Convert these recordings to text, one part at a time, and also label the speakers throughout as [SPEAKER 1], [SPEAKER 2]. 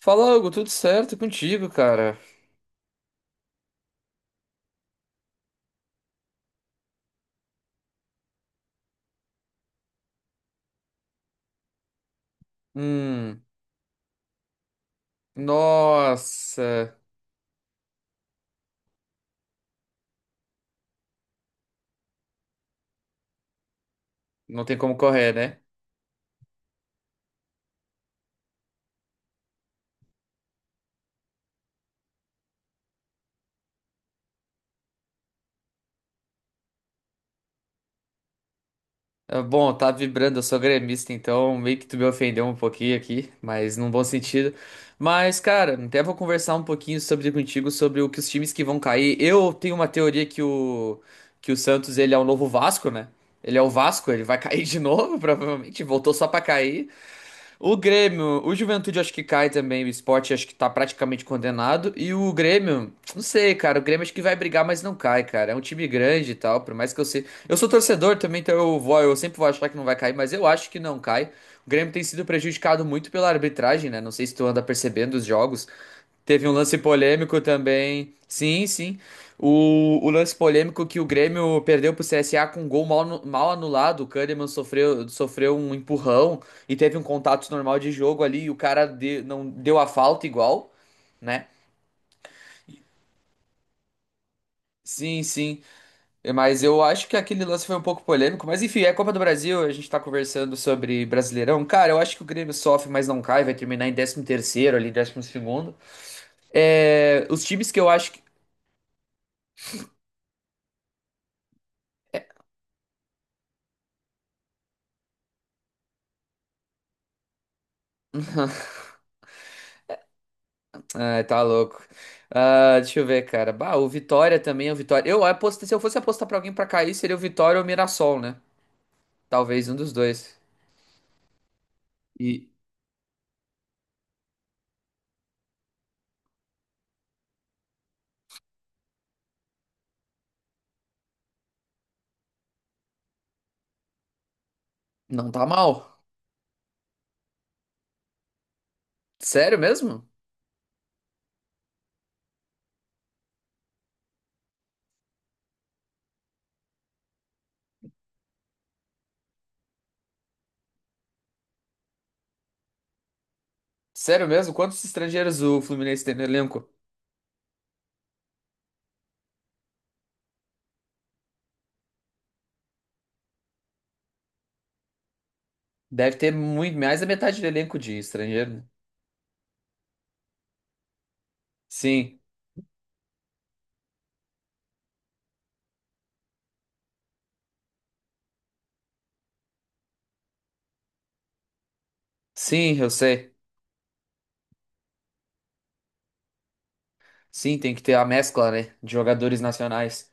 [SPEAKER 1] Fala, Hugo, tudo certo e contigo, cara? Hum, nossa, não tem como correr, né? Ah, bom, tá vibrando, eu sou gremista, então meio que tu me ofendeu um pouquinho aqui, mas num bom sentido. Mas, cara, até vou conversar um pouquinho sobre contigo, sobre o que os times que vão cair. Eu tenho uma teoria que o Santos, ele é o novo Vasco, né? Ele é o Vasco, ele vai cair de novo, provavelmente, voltou só pra cair. O Grêmio, o Juventude acho que cai também, o Sport acho que tá praticamente condenado. E o Grêmio, não sei, cara, o Grêmio acho que vai brigar, mas não cai, cara. É um time grande e tal, por mais que eu sei. Eu sou torcedor também, então eu sempre vou achar que não vai cair, mas eu acho que não cai. O Grêmio tem sido prejudicado muito pela arbitragem, né? Não sei se tu anda percebendo os jogos. Teve um lance polêmico também. Sim, sim. O lance polêmico que o Grêmio perdeu pro CSA com um gol mal anulado. O Kahneman sofreu um empurrão e teve um contato normal de jogo ali. E o cara não deu a falta igual, né? Sim, sim. Mas eu acho que aquele lance foi um pouco polêmico. Mas enfim, é Copa do Brasil. A gente tá conversando sobre Brasileirão. Cara, eu acho que o Grêmio sofre, mas não cai. Vai terminar em décimo terceiro ali, décimo segundo. É, os times que eu acho. Ai, tá louco. Ah, deixa eu ver, cara. Bah, o Vitória também, o Vitória. Eu aposto, se eu fosse apostar pra alguém pra cair, seria o Vitória ou o Mirassol, né? Talvez um dos dois. E não tá mal. Sério mesmo? Sério mesmo? Quantos estrangeiros o Fluminense tem no elenco? Deve ter muito, mais da metade do elenco de estrangeiro, né? Sim. Sim, eu sei. Sim, tem que ter a mescla, né? De jogadores nacionais.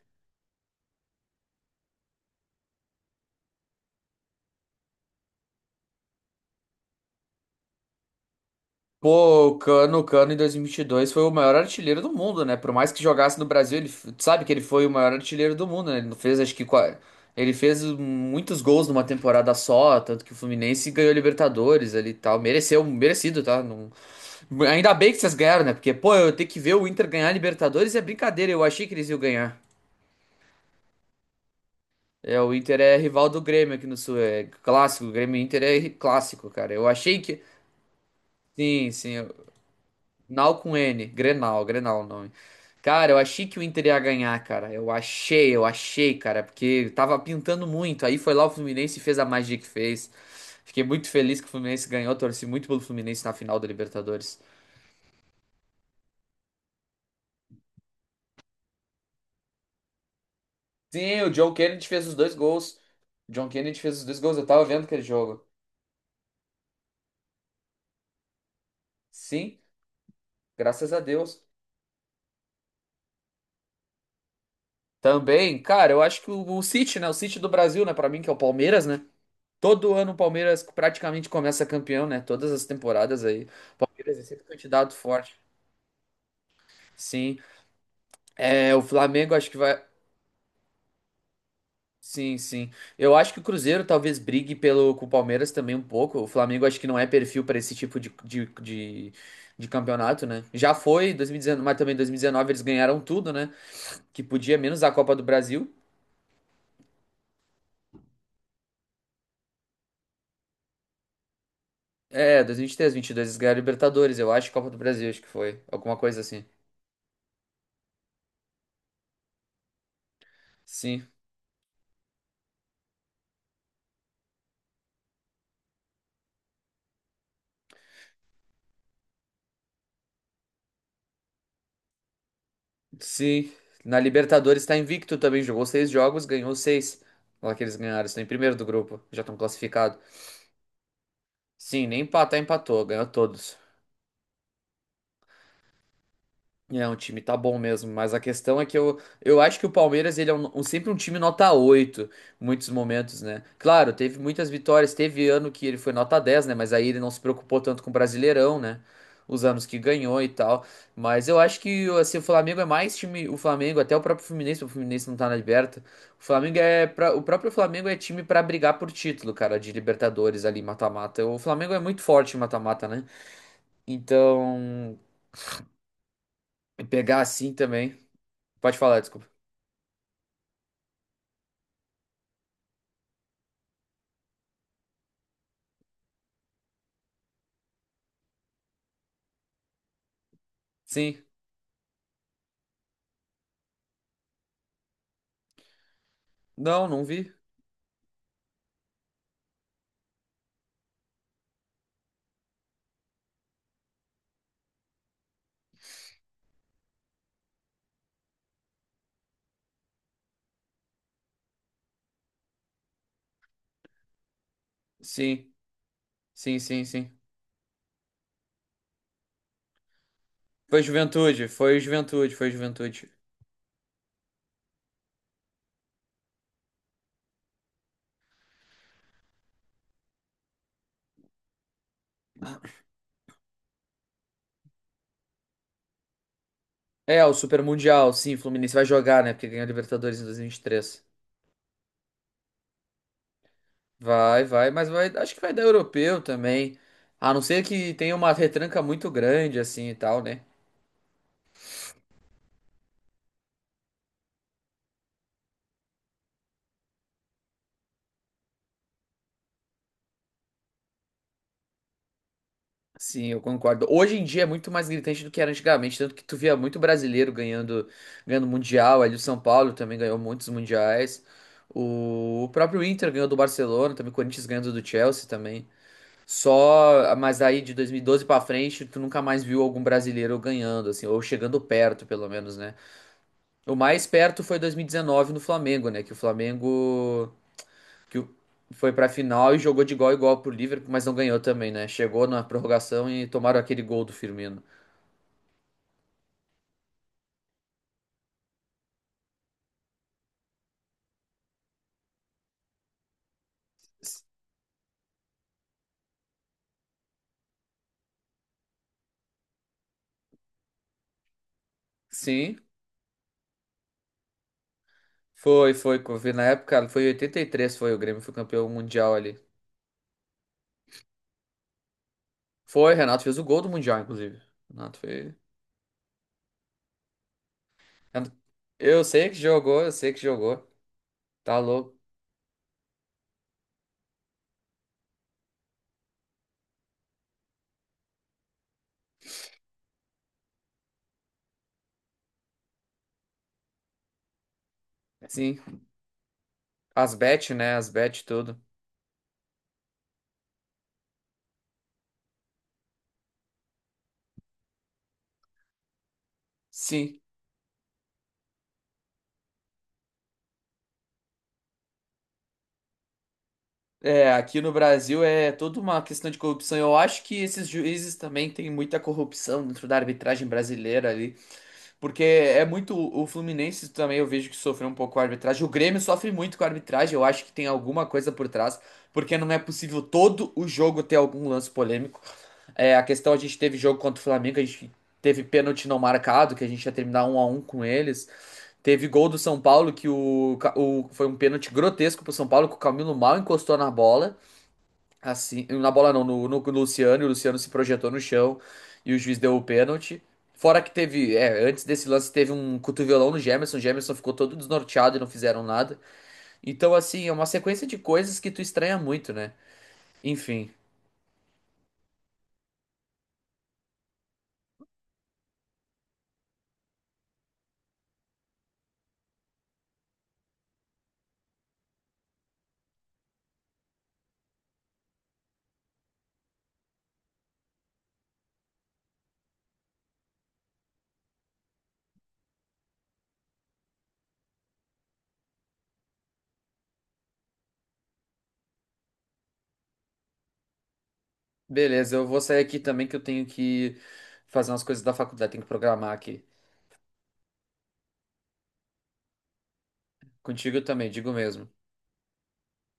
[SPEAKER 1] Pô, o Cano em 2022 foi o maior artilheiro do mundo, né? Por mais que jogasse no Brasil, tu sabe que ele foi o maior artilheiro do mundo, né? Ele não fez, acho que ele fez muitos gols numa temporada só, tanto que o Fluminense ganhou Libertadores ali e tal. Mereceu, merecido, tá? Ainda bem que vocês ganharam, né? Porque, pô, eu ter que ver o Inter ganhar Libertadores é brincadeira, eu achei que eles iam ganhar. É, o Inter é rival do Grêmio aqui no Sul, é clássico, o Grêmio e Inter é clássico, cara. Eu achei que. Sim, sim. Nau com N, Grenal, Grenal é o nome. Cara, eu achei que o Inter ia ganhar, cara. Eu achei, cara, porque tava pintando muito. Aí foi lá o Fluminense e fez a magia que fez. Fiquei muito feliz que o Fluminense ganhou, torci muito pelo Fluminense na final da Libertadores. Sim, o John Kennedy fez os dois gols. O John Kennedy fez os dois gols, eu tava vendo aquele jogo. Sim, graças a Deus. Também, cara, eu acho que o City, né? O City do Brasil, né? Pra mim, que é o Palmeiras, né? Todo ano o Palmeiras praticamente começa campeão, né? Todas as temporadas aí. O Palmeiras é sempre candidato forte. Sim. É, o Flamengo acho que vai. Sim, sim. Eu acho que o Cruzeiro talvez brigue pelo, com o Palmeiras também um pouco. O Flamengo acho que não é perfil para esse tipo de campeonato, né? Já foi 2019, mas também 2019 eles ganharam tudo, né? Que podia, menos a Copa do Brasil. É, 2023, 2022 eles ganharam a Libertadores, eu acho, Copa do Brasil, acho que foi. Alguma coisa assim. Sim. Sim, na Libertadores está invicto também, jogou seis jogos, ganhou seis. Lá que eles ganharam, estão em primeiro do grupo, já estão classificados. Sim, nem empatar, empatou, ganhou todos. É, um time tá bom mesmo, mas a questão é que eu acho que o Palmeiras ele é sempre um time nota 8 em muitos momentos, né? Claro, teve muitas vitórias, teve ano que ele foi nota dez, né? Mas aí ele não se preocupou tanto com o Brasileirão, né? Os anos que ganhou e tal. Mas eu acho que assim, o Flamengo, é mais time, o Flamengo, até o próprio Fluminense, o Fluminense não tá na Liberta. O Flamengo é pra, o próprio Flamengo é time pra brigar por título, cara, de Libertadores ali, mata-mata. O Flamengo é muito forte em mata-mata, né? Então, pegar assim também. Pode falar, desculpa. Sim. Não, não vi. Sim. Sim, sim, sim. Foi Juventude, foi Juventude, foi Juventude. É, o Super Mundial, sim, Fluminense vai jogar, né? Porque ganhou a Libertadores em 2023. Vai, vai, mas vai, acho que vai dar europeu também. A não ser que tenha uma retranca muito grande, assim e tal, né? Sim, eu concordo. Hoje em dia é muito mais gritante do que era antigamente, tanto que tu via muito brasileiro ganhando, ganhando mundial, ali o São Paulo também ganhou muitos mundiais. O próprio Inter ganhou do Barcelona, também o Corinthians ganhando do Chelsea também. Só, mas aí de 2012 pra frente, tu nunca mais viu algum brasileiro ganhando assim, ou chegando perto, pelo menos, né? O mais perto foi 2019 no Flamengo, né, que o Flamengo que o- foi pra final e jogou de igual a igual pro Liverpool, mas não ganhou também, né? Chegou na prorrogação e tomaram aquele gol do Firmino. S- Sim, foi, foi. Co- vi Na época, foi em 83, foi o Grêmio, foi campeão mundial ali. Foi, Renato fez o gol do mundial, inclusive. Renato foi. Renato- Eu sei que jogou, eu sei que jogou. Tá louco. Sim, as bet, né? As bet tudo. Sim. É, aqui no Brasil é toda uma questão de corrupção. Eu acho que esses juízes também têm muita corrupção dentro da arbitragem brasileira ali. Porque é muito. O Fluminense também eu vejo que sofreu um pouco com a arbitragem. O Grêmio sofre muito com a arbitragem. Eu acho que tem alguma coisa por trás. Porque não é possível todo o jogo ter algum lance polêmico. É, a questão, a gente teve jogo contra o Flamengo, a gente teve pênalti não marcado, que a gente ia terminar um a um com eles. Teve gol do São Paulo, que o, Ca- o- foi um pênalti grotesco pro São Paulo, que o Camilo mal encostou na bola. Assim, na bola não, no Luciano, e o Luciano se projetou no chão e o juiz deu o pênalti. Fora que teve, é, antes desse lance teve um cotovelão no Jamerson, o Jamerson ficou todo desnorteado e não fizeram nada. Então, assim, é uma sequência de coisas que tu estranha muito, né? Enfim, beleza, eu vou sair aqui também que eu tenho que fazer umas coisas da faculdade, tenho que programar aqui. Contigo também, digo mesmo.